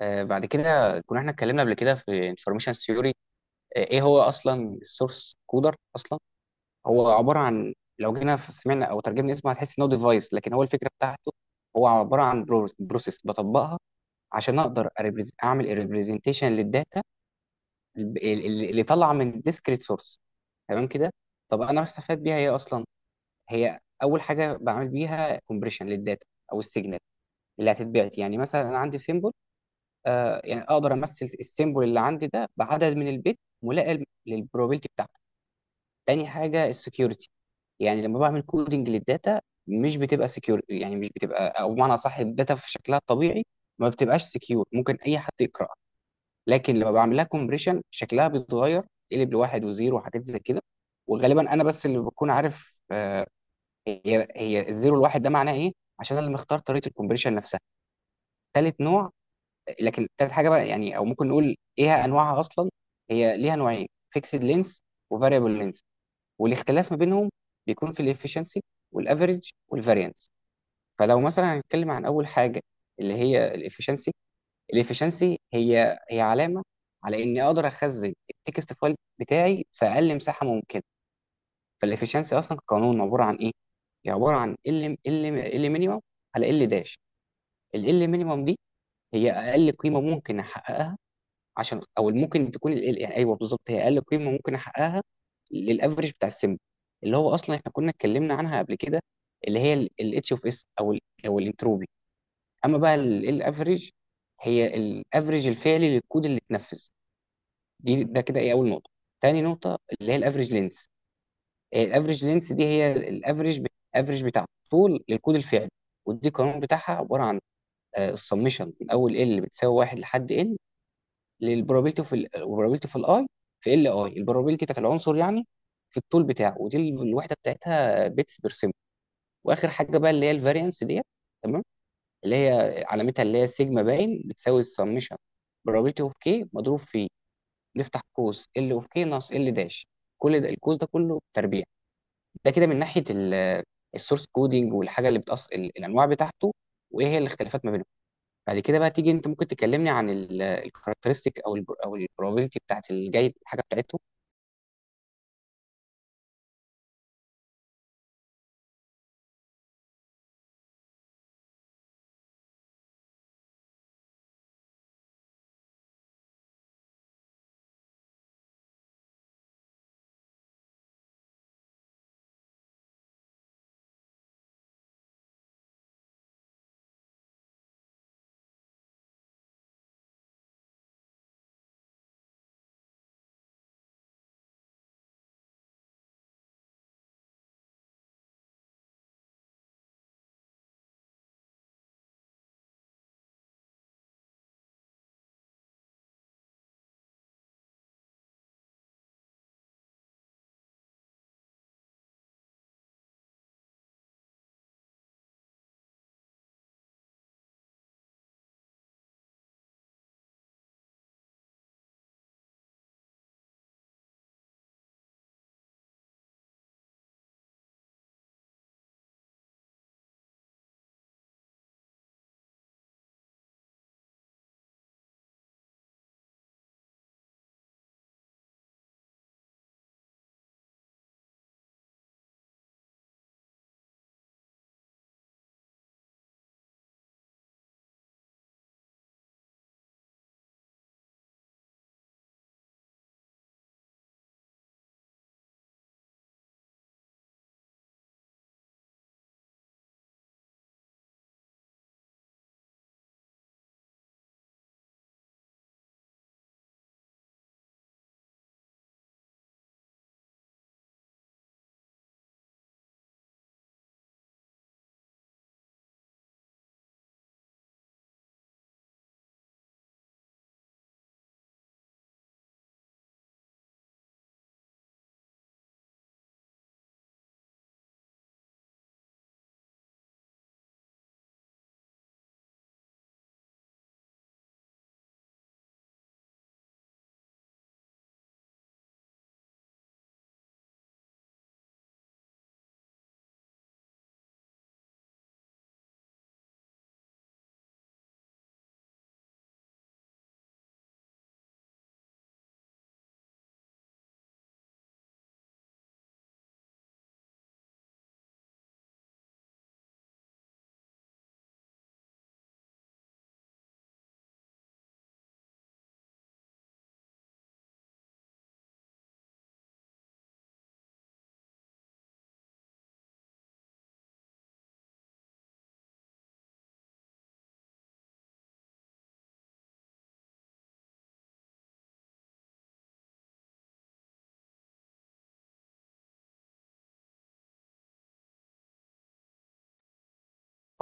آه، بعد كده كنا احنا اتكلمنا قبل كده في انفورميشن ثيوري. ايه هو اصلا السورس كودر اصلا؟ هو عباره عن، لو جينا سمعنا او ترجمنا اسمه هتحس ان هو ديفايس، لكن هو الفكره بتاعته هو عباره عن بروسيس بطبقها عشان اقدر اعمل ريبريزنتيشن للداتا اللي طالعه من ديسكريت سورس. تمام كده؟ طب انا بستفاد بيها ايه اصلا؟ هي اول حاجه بعمل بيها كومبريشن للداتا او السيجنال اللي هتتبعت. يعني مثلا انا عندي سيمبل، آه يعني اقدر امثل السيمبل اللي عندي ده بعدد من البيت ملائم للبروبابيلتي بتاعته. تاني حاجه السكيورتي، يعني لما بعمل كودنج للداتا مش بتبقى سكيور، يعني مش بتبقى او بمعنى صح الداتا في شكلها الطبيعي ما بتبقاش سكيور، ممكن اي حد يقراها. لكن لما بعمل لها كومبريشن شكلها بيتغير، يقلب لواحد وزيرو وحاجات زي كده. وغالبا انا بس اللي بكون عارف آه هي هي الزيرو الواحد ده معناه ايه، عشان انا اللي مختار طريقه الكومبريشن نفسها. تالت نوع، لكن تالت حاجه بقى يعني او ممكن نقول ايه انواعها اصلا؟ هي ليها نوعين، فيكسد لينس وفاريبل لينس. والاختلاف ما بينهم بيكون في الافشنسي والافريج والفاريانس. فلو مثلا هنتكلم عن اول حاجه اللي هي الافشنسي، الافشنسي هي هي علامه على اني اقدر اخزن التكست فايل بتاعي في اقل مساحه ممكنه. فالافشنسي اصلا قانون عباره عن ايه؟ هي عباره عن ال ال مينيمم على ال داش. ال مينيمم دي هي اقل قيمه ممكن احققها، عشان او ممكن تكون يعني ايوه بالظبط هي اقل قيمه ممكن احققها للافرج بتاع السن اللي هو اصلا احنا كنا اتكلمنا عنها قبل كده، اللي هي الاتش اوف اس او ال، او الانتروبي. اما بقى الافرج هي الافرج الفعلي للكود اللي اتنفذ. دي ده كده ايه اول نقطه. تاني نقطه اللي هي الافرج لينس. الافرج لينس دي هي الافرج، الافرج بتاع طول للكود الفعلي. ودي القانون بتاعها عباره عن السمشن من اول ال بتساوي واحد لحد n للبروبابيلتي في البروبابيلتي في الاي، في ال اي البروبابيلتي بتاعت العنصر يعني في الطول بتاعه. ودي الوحده بتاعتها بيتس بير سيمبل. واخر حاجه بقى اللي هي الفاريانس ديت. تمام. اللي هي علامتها اللي هي سيجما باين بتساوي السمشن بروبابيلتي اوف كي مضروب في، نفتح قوس ال اوف كي ناقص ال داش، كل ده القوس ده كله تربيع. ده كده من ناحيه السورس كودينج والحاجه اللي بتأص الانواع بتاعته وايه هي الاختلافات ما بينهم. بعد كده بقى تيجي انت ممكن تكلمني عن الكاركترستيك او ال او البروبابيلتي بتاعت الجاي الحاجه بتاعته.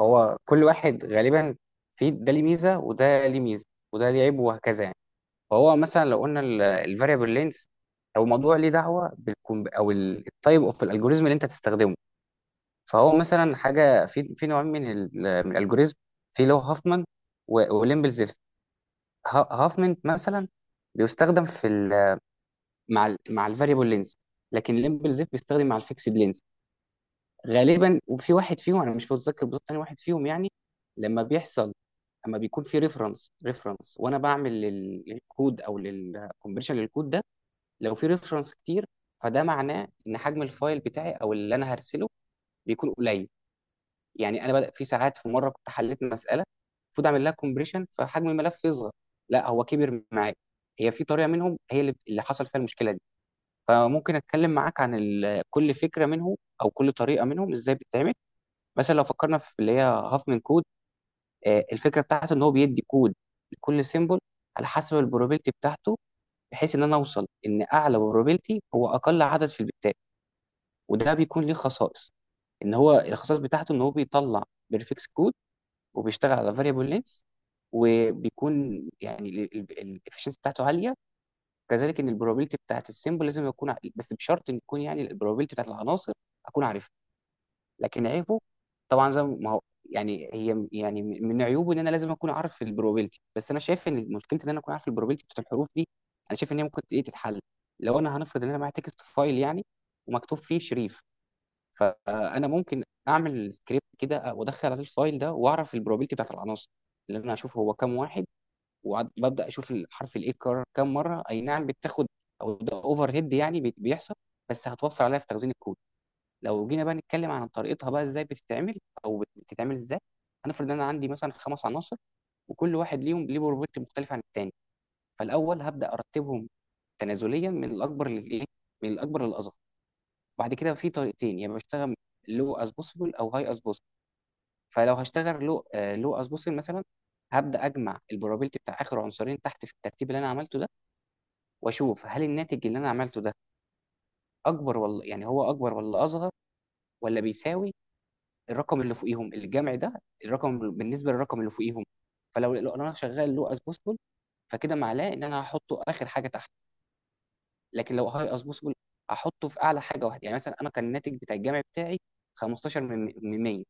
هو كل واحد غالبا في ده ليه ميزه وده ليه ميزه وده ليه عيب وهكذا يعني. فهو مثلا لو قلنا الفاريبل لينس، او موضوع ليه دعوه بالكم او التايب اوف الالجوريزم اللي انت تستخدمه. فهو مثلا حاجه في نوعين من من الالجوريزم. في اللي هو هافمان وليمبل زيف. هافمان مثلا بيستخدم في مع الفاريبل لينس، لكن ليمبل زيف بيستخدم مع الفيكسد لينس غالبا. وفي واحد فيهم انا مش متذكر بالظبط تاني واحد فيهم يعني لما بيحصل، لما بيكون في ريفرنس. وانا بعمل للكود او للكونفرشن للكود ده. لو في ريفرنس كتير فده معناه ان حجم الفايل بتاعي او اللي انا هرسله بيكون قليل. يعني انا بدأ في ساعات، في مره كنت حليت مساله المفروض اعمل لها كومبريشن فحجم الملف يصغر، لا هو كبر معايا. هي في طريقه منهم هي اللي حصل فيها المشكله دي. فممكن اتكلم معاك عن كل فكره منهم او كل طريقه منهم ازاي بتتعمل. مثلا لو فكرنا في اللي هي هافمان كود، آه، الفكره بتاعته ان هو بيدي كود لكل سيمبل على حسب البروبابيلتي بتاعته، بحيث ان انا اوصل ان اعلى بروبابيلتي هو اقل عدد في البتات. وده بيكون ليه خصائص، ان هو الخصائص بتاعته ان هو بيطلع بيرفكس كود، وبيشتغل على فاريبل لينس، وبيكون يعني الافشنسي بتاعته عاليه. كذلك ان البروبابيلتي بتاعت السيمبل لازم اكون بس بشرط ان يكون يعني البروبابيلتي بتاعت العناصر اكون عارفها. لكن عيبه، طبعا زي ما هو يعني هي من عيوبه ان انا لازم اكون عارف البروبابيلتي. بس انا شايف ان مشكلتي ان انا اكون عارف البروبابيلتي بتاعت الحروف دي، انا شايف ان هي ممكن ايه تتحل. لو انا هنفرض ان انا معايا تكست فايل يعني ومكتوب فيه شريف، فانا ممكن اعمل سكريبت كده وادخل عليه الفايل ده واعرف البروبابيلتي بتاعت العناصر، اللي انا اشوف هو كام واحد، وببدا اشوف الحرف الايه اتكرر كام مره. اي نعم، بتاخد او ده اوفر هيد يعني بيحصل، بس هتوفر عليا في تخزين الكود. لو جينا بقى نتكلم عن طريقتها بقى ازاي بتتعمل او بتتعمل ازاي. هنفرض ان انا عندي مثلا خمس عناصر وكل واحد ليهم ليه بروبرتي مختلفه عن التاني. فالاول هبدا ارتبهم تنازليا من الاكبر للايه، من الاكبر للاصغر. بعد كده في طريقتين، يعني بشتغل لو از بوسيبل او هاي از بوسيبل. فلو هشتغل لو از بوسيبل مثلا، هبدا اجمع البروبابيلتي بتاع اخر عنصرين تحت في الترتيب اللي انا عملته ده، واشوف هل الناتج اللي انا عملته ده اكبر، ولا يعني هو اكبر ولا اصغر ولا بيساوي الرقم اللي فوقيهم، الجمع ده الرقم بالنسبه للرقم اللي فوقيهم. فلو انا شغال لو اسبوسفول، فكده معناه ان انا هحطه اخر حاجه تحت. لكن لو هاي اسبوسفول هحطه في اعلى حاجه واحده. يعني مثلا انا كان الناتج بتاع الجمع بتاعي 15 من 100،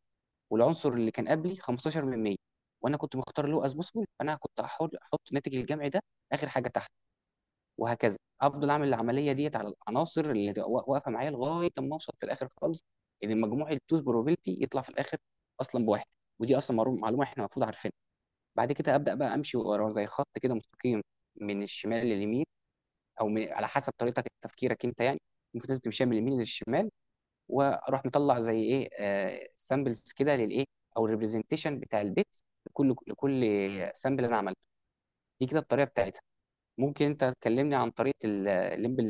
والعنصر اللي كان قبلي 15 من 100، وانا كنت مختار لو اسبوسفول، فانا كنت احط ناتج الجمع ده اخر حاجه تحت. وهكذا افضل اعمل العمليه ديت على العناصر اللي تبقى واقفه معايا لغايه ما اوصل في الاخر خالص ان مجموع التوز بروبابيلتي يطلع في الاخر اصلا بواحد. ودي اصلا معلومة احنا المفروض عارفينها. بعد كده ابدا بقى امشي ورا زي خط كده مستقيم، من الشمال لليمين، او من على حسب طريقتك تفكيرك انت، يعني المفروض لازم تمشي من اليمين للشمال. واروح مطلع زي ايه، سامبلز كده للايه، او الريبريزنتيشن بتاع البيت، لكل سامبل انا عملته. دي كده الطريقه بتاعتها. ممكن انت تكلمني عن طريقه الليمبل؟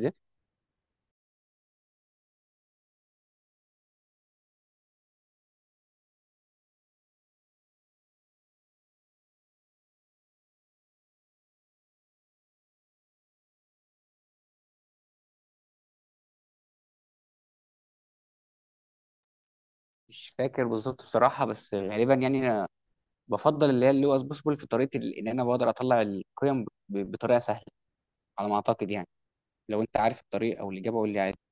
مش فاكر بالظبط بصراحه، بس غالبا يعني انا بفضل اللي هو اسبوسيبل في طريقه ان انا بقدر اطلع القيم بطريقه سهله على ما اعتقد يعني. لو انت عارف الطريق او الاجابه قول لي.